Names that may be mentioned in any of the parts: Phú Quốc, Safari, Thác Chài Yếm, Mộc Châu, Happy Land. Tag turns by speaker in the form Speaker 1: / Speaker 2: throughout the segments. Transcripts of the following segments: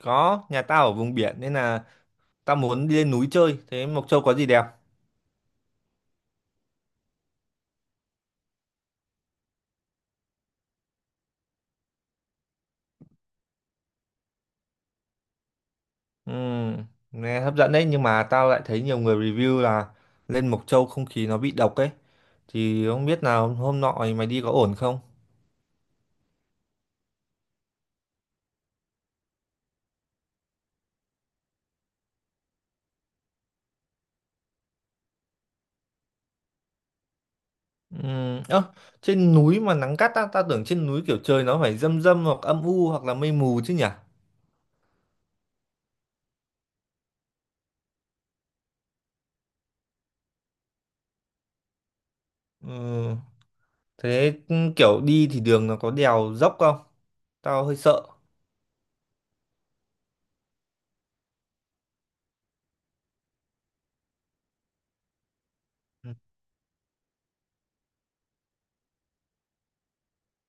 Speaker 1: Có, nhà tao ở vùng biển nên là tao muốn đi lên núi chơi. Thế Mộc Châu có gì đẹp? Ừ, nghe hấp dẫn đấy nhưng mà tao lại thấy nhiều người review là lên Mộc Châu không khí nó bị độc ấy. Thì không biết là hôm hôm nọ mày đi có ổn không? Ừ, ơ, trên núi mà nắng gắt á, tao tưởng trên núi kiểu trời nó phải râm râm hoặc âm u hoặc là mây mù chứ nhỉ? Ừ, thế kiểu đi thì đường nó có đèo dốc không? Tao hơi sợ.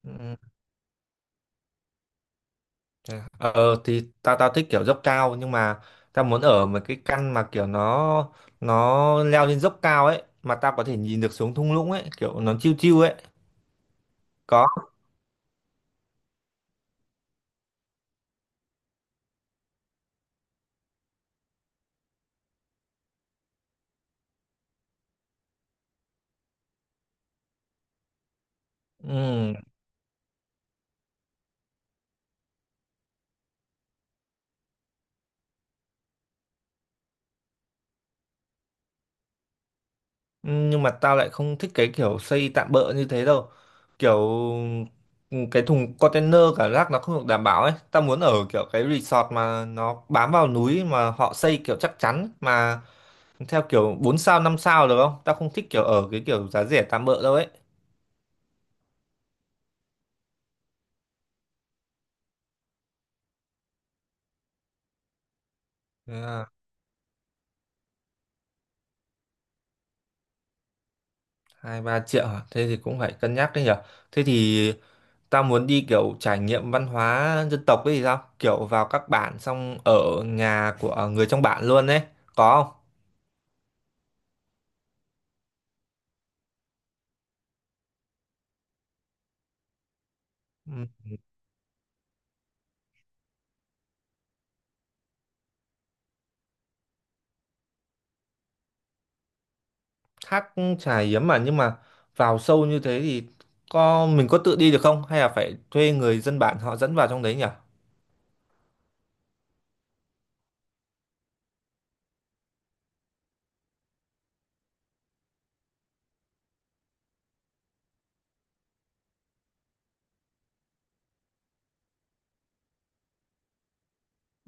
Speaker 1: Ừ. Thế à? Ờ thì tao tao thích kiểu dốc cao nhưng mà tao muốn ở một cái căn mà kiểu nó leo lên dốc cao ấy mà tao có thể nhìn được xuống thung lũng ấy kiểu nó chill chill ấy có ừ. Ừ, nhưng mà tao lại không thích cái kiểu xây tạm bợ như thế đâu kiểu ừ, cái thùng container cả rác nó không được đảm bảo ấy, tao muốn ở kiểu cái resort mà nó bám vào núi mà họ xây kiểu chắc chắn mà theo kiểu 4 sao 5 sao được không. Tao không thích kiểu ở cái kiểu giá rẻ tạm bợ đâu ấy. À. 2-3 triệu à? Thế thì cũng phải cân nhắc đấy nhở. Thế thì ta muốn đi kiểu trải nghiệm văn hóa dân tộc ấy thì sao, kiểu vào các bản xong ở nhà của người trong bản luôn đấy, có không? Ừ, thác Chài Yếm mà, nhưng mà vào sâu như thế thì có mình có tự đi được không hay là phải thuê người dân bản họ dẫn vào trong đấy nhở?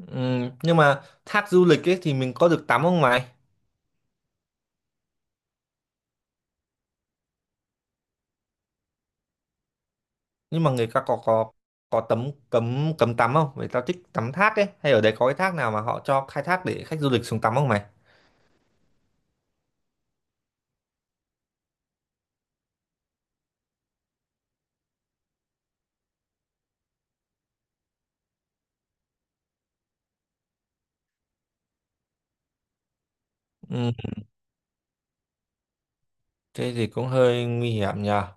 Speaker 1: Ừ, nhưng mà thác du lịch ấy thì mình có được tắm không mày? Nhưng mà người ta có có tấm cấm cấm tắm không, người ta thích tắm thác ấy, hay ở đấy có cái thác nào mà họ cho khai thác để khách du lịch xuống tắm không mày? Ừ, thế thì cũng hơi nguy hiểm nhờ.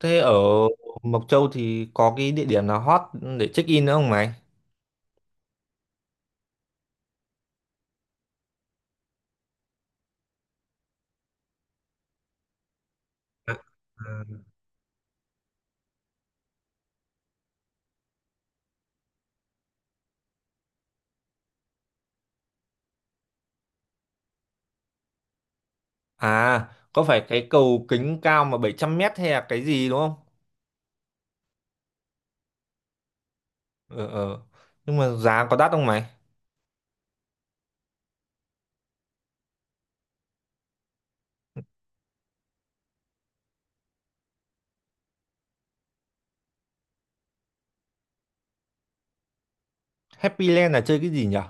Speaker 1: Thế ở Mộc Châu thì có cái địa điểm nào hot để check in nữa không mày? À, à, có phải cái cầu kính cao mà 700 mét hay là cái gì đúng không? Ờ ờ, nhưng mà giá có đắt không mày? Happy Land là chơi cái gì nhở?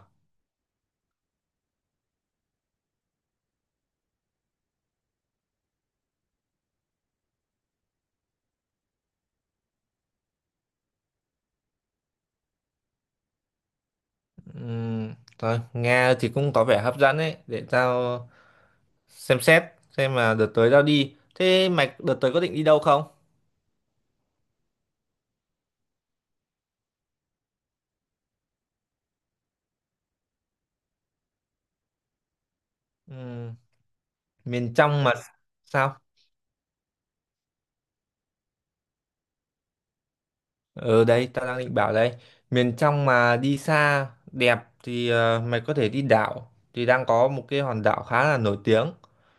Speaker 1: Thôi nghe thì cũng có vẻ hấp dẫn ấy, để tao xem xét xem là đợt tới tao đi. Thế mày đợt tới có định đi đâu không? Ừ, miền trong mà sao? Ở đây tao đang định bảo đây. Miền trong mà đi xa đẹp thì ờ, mày có thể đi đảo. Thì đang có một cái hòn đảo khá là nổi tiếng,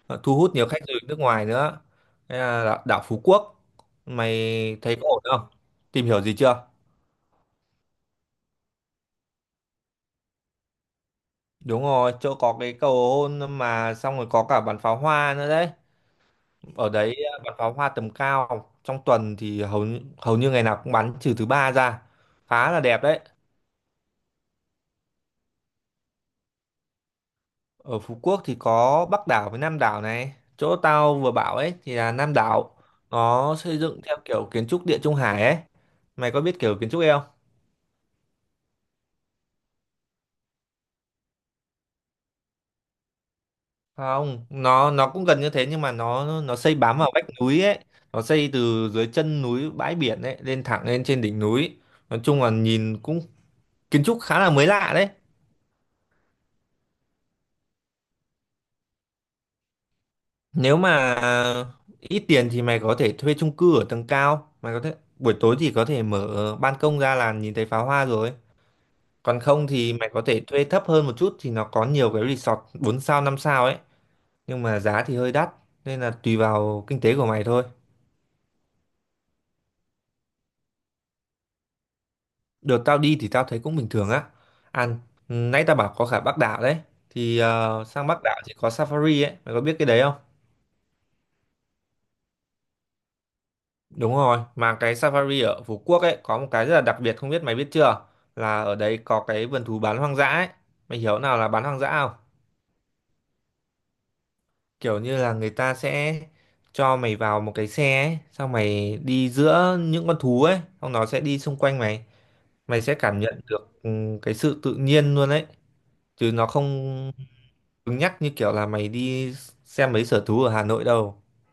Speaker 1: thu hút nhiều khách du lịch nước ngoài nữa. Đây là đảo, đảo Phú Quốc. Mày thấy có ổn không, tìm hiểu gì chưa? Đúng rồi, chỗ có cái cầu hôn mà, xong rồi có cả bắn pháo hoa nữa đấy. Ở đấy bắn pháo hoa tầm cao trong tuần thì hầu như ngày nào cũng bắn, trừ thứ ba ra. Khá là đẹp đấy. Ở Phú Quốc thì có Bắc đảo với Nam đảo. Này chỗ tao vừa bảo ấy thì là Nam đảo, nó xây dựng theo kiểu kiến trúc Địa Trung Hải ấy. Mày có biết kiểu kiến trúc ấy không? Không, nó cũng gần như thế nhưng mà nó xây bám vào vách núi ấy, nó xây từ dưới chân núi bãi biển ấy lên thẳng lên trên đỉnh núi. Nói chung là nhìn cũng kiến trúc khá là mới lạ đấy. Nếu mà ít tiền thì mày có thể thuê chung cư ở tầng cao, mày có thể buổi tối thì có thể mở ban công ra là nhìn thấy pháo hoa rồi. Còn không thì mày có thể thuê thấp hơn một chút thì nó có nhiều cái resort 4 sao 5 sao ấy, nhưng mà giá thì hơi đắt, nên là tùy vào kinh tế của mày thôi. Đợt tao đi thì tao thấy cũng bình thường á. Ăn, nãy tao bảo có cả Bắc đảo đấy. Thì sang Bắc đảo thì có Safari ấy, mày có biết cái đấy không? Đúng rồi, mà cái Safari ở Phú Quốc ấy có một cái rất là đặc biệt không biết mày biết chưa? Là ở đấy có cái vườn thú bán hoang dã ấy. Mày hiểu nào là bán hoang dã không? Kiểu như là người ta sẽ cho mày vào một cái xe ấy, xong mày đi giữa những con thú ấy, xong nó sẽ đi xung quanh mày. Mày sẽ cảm nhận được cái sự tự nhiên luôn ấy, chứ nó không cứng nhắc như kiểu là mày đi xem mấy sở thú ở Hà Nội đâu.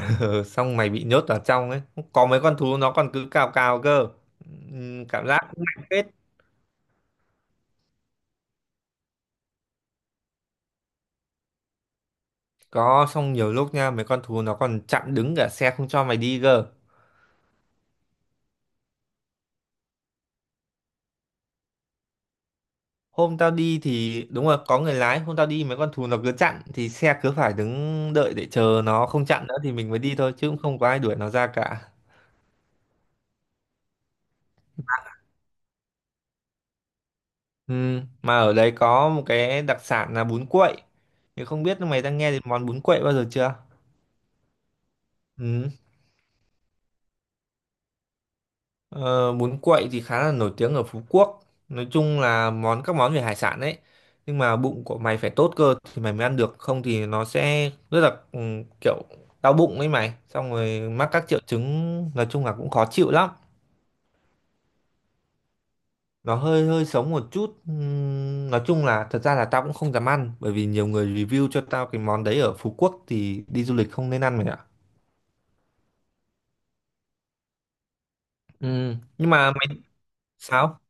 Speaker 1: Ừ, xong mày bị nhốt vào trong ấy. Có mấy con thú nó còn cứ cào cào cơ. Ừ, cảm giác cũng mạnh phết. Có, xong nhiều lúc nha, mấy con thú nó còn chặn đứng cả xe không cho mày đi cơ. Hôm tao đi thì đúng rồi, có người lái. Hôm tao đi mấy con thú nó cứ chặn, thì xe cứ phải đứng đợi để chờ nó không chặn nữa thì mình mới đi thôi, chứ cũng không có ai đuổi nó ra cả. Ừ. Mà ở đấy có một cái đặc sản là bún quậy. Thì không biết mày đang nghe đến món bún quậy bao giờ chưa? Ừ. Ờ, bún quậy thì khá là nổi tiếng ở Phú Quốc, nói chung là món các món về hải sản đấy, nhưng mà bụng của mày phải tốt cơ thì mày mới ăn được, không thì nó sẽ rất là kiểu đau bụng ấy mày, xong rồi mắc các triệu chứng, nói chung là cũng khó chịu lắm. Nó hơi hơi sống một chút. Nói chung là thật ra là tao cũng không dám ăn, bởi vì nhiều người review cho tao cái món đấy ở Phú Quốc thì đi du lịch không nên ăn mày ạ. Nhưng mà mày sao?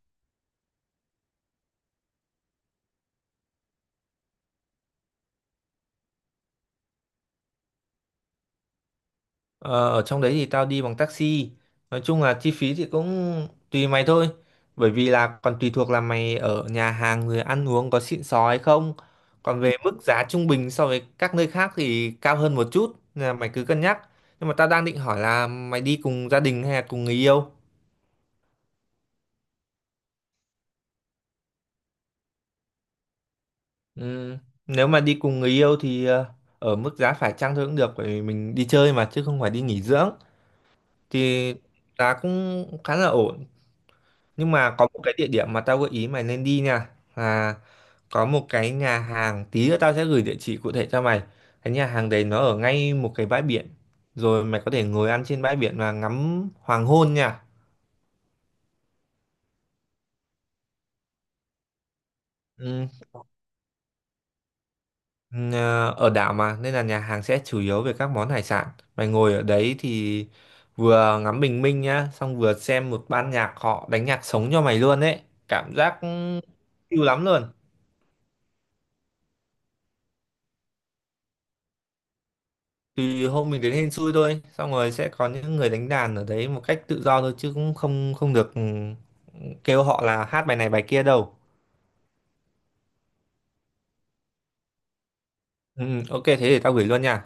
Speaker 1: Ờ, ở trong đấy thì tao đi bằng taxi. Nói chung là chi phí thì cũng tùy mày thôi. Bởi vì là còn tùy thuộc là mày ở nhà hàng rồi ăn uống có xịn sò hay không. Còn về mức giá trung bình so với các nơi khác thì cao hơn một chút. Nên là mày cứ cân nhắc. Nhưng mà tao đang định hỏi là mày đi cùng gia đình hay là cùng người yêu? Ừm, nếu mà đi cùng người yêu thì ở mức giá phải chăng thôi cũng được. Bởi vì mình đi chơi mà chứ không phải đi nghỉ dưỡng. Thì giá cũng khá là ổn. Nhưng mà có một cái địa điểm mà tao gợi ý mày nên đi nha, là có một cái nhà hàng, tí nữa tao sẽ gửi địa chỉ cụ thể cho mày. Cái nhà hàng đấy nó ở ngay một cái bãi biển. Rồi mày có thể ngồi ăn trên bãi biển và ngắm hoàng hôn nha. Ừ, ừ, ở đảo mà nên là nhà hàng sẽ chủ yếu về các món hải sản. Mày ngồi ở đấy thì vừa ngắm bình minh nhá, xong vừa xem một ban nhạc họ đánh nhạc sống cho mày luôn ấy. Cảm giác siêu lắm luôn. Thì hôm mình đến hên xui thôi, xong rồi sẽ có những người đánh đàn ở đấy một cách tự do thôi, chứ cũng không không được kêu họ là hát bài này bài kia đâu. Ừ, ừ, ok thế thì tao gửi luôn nha.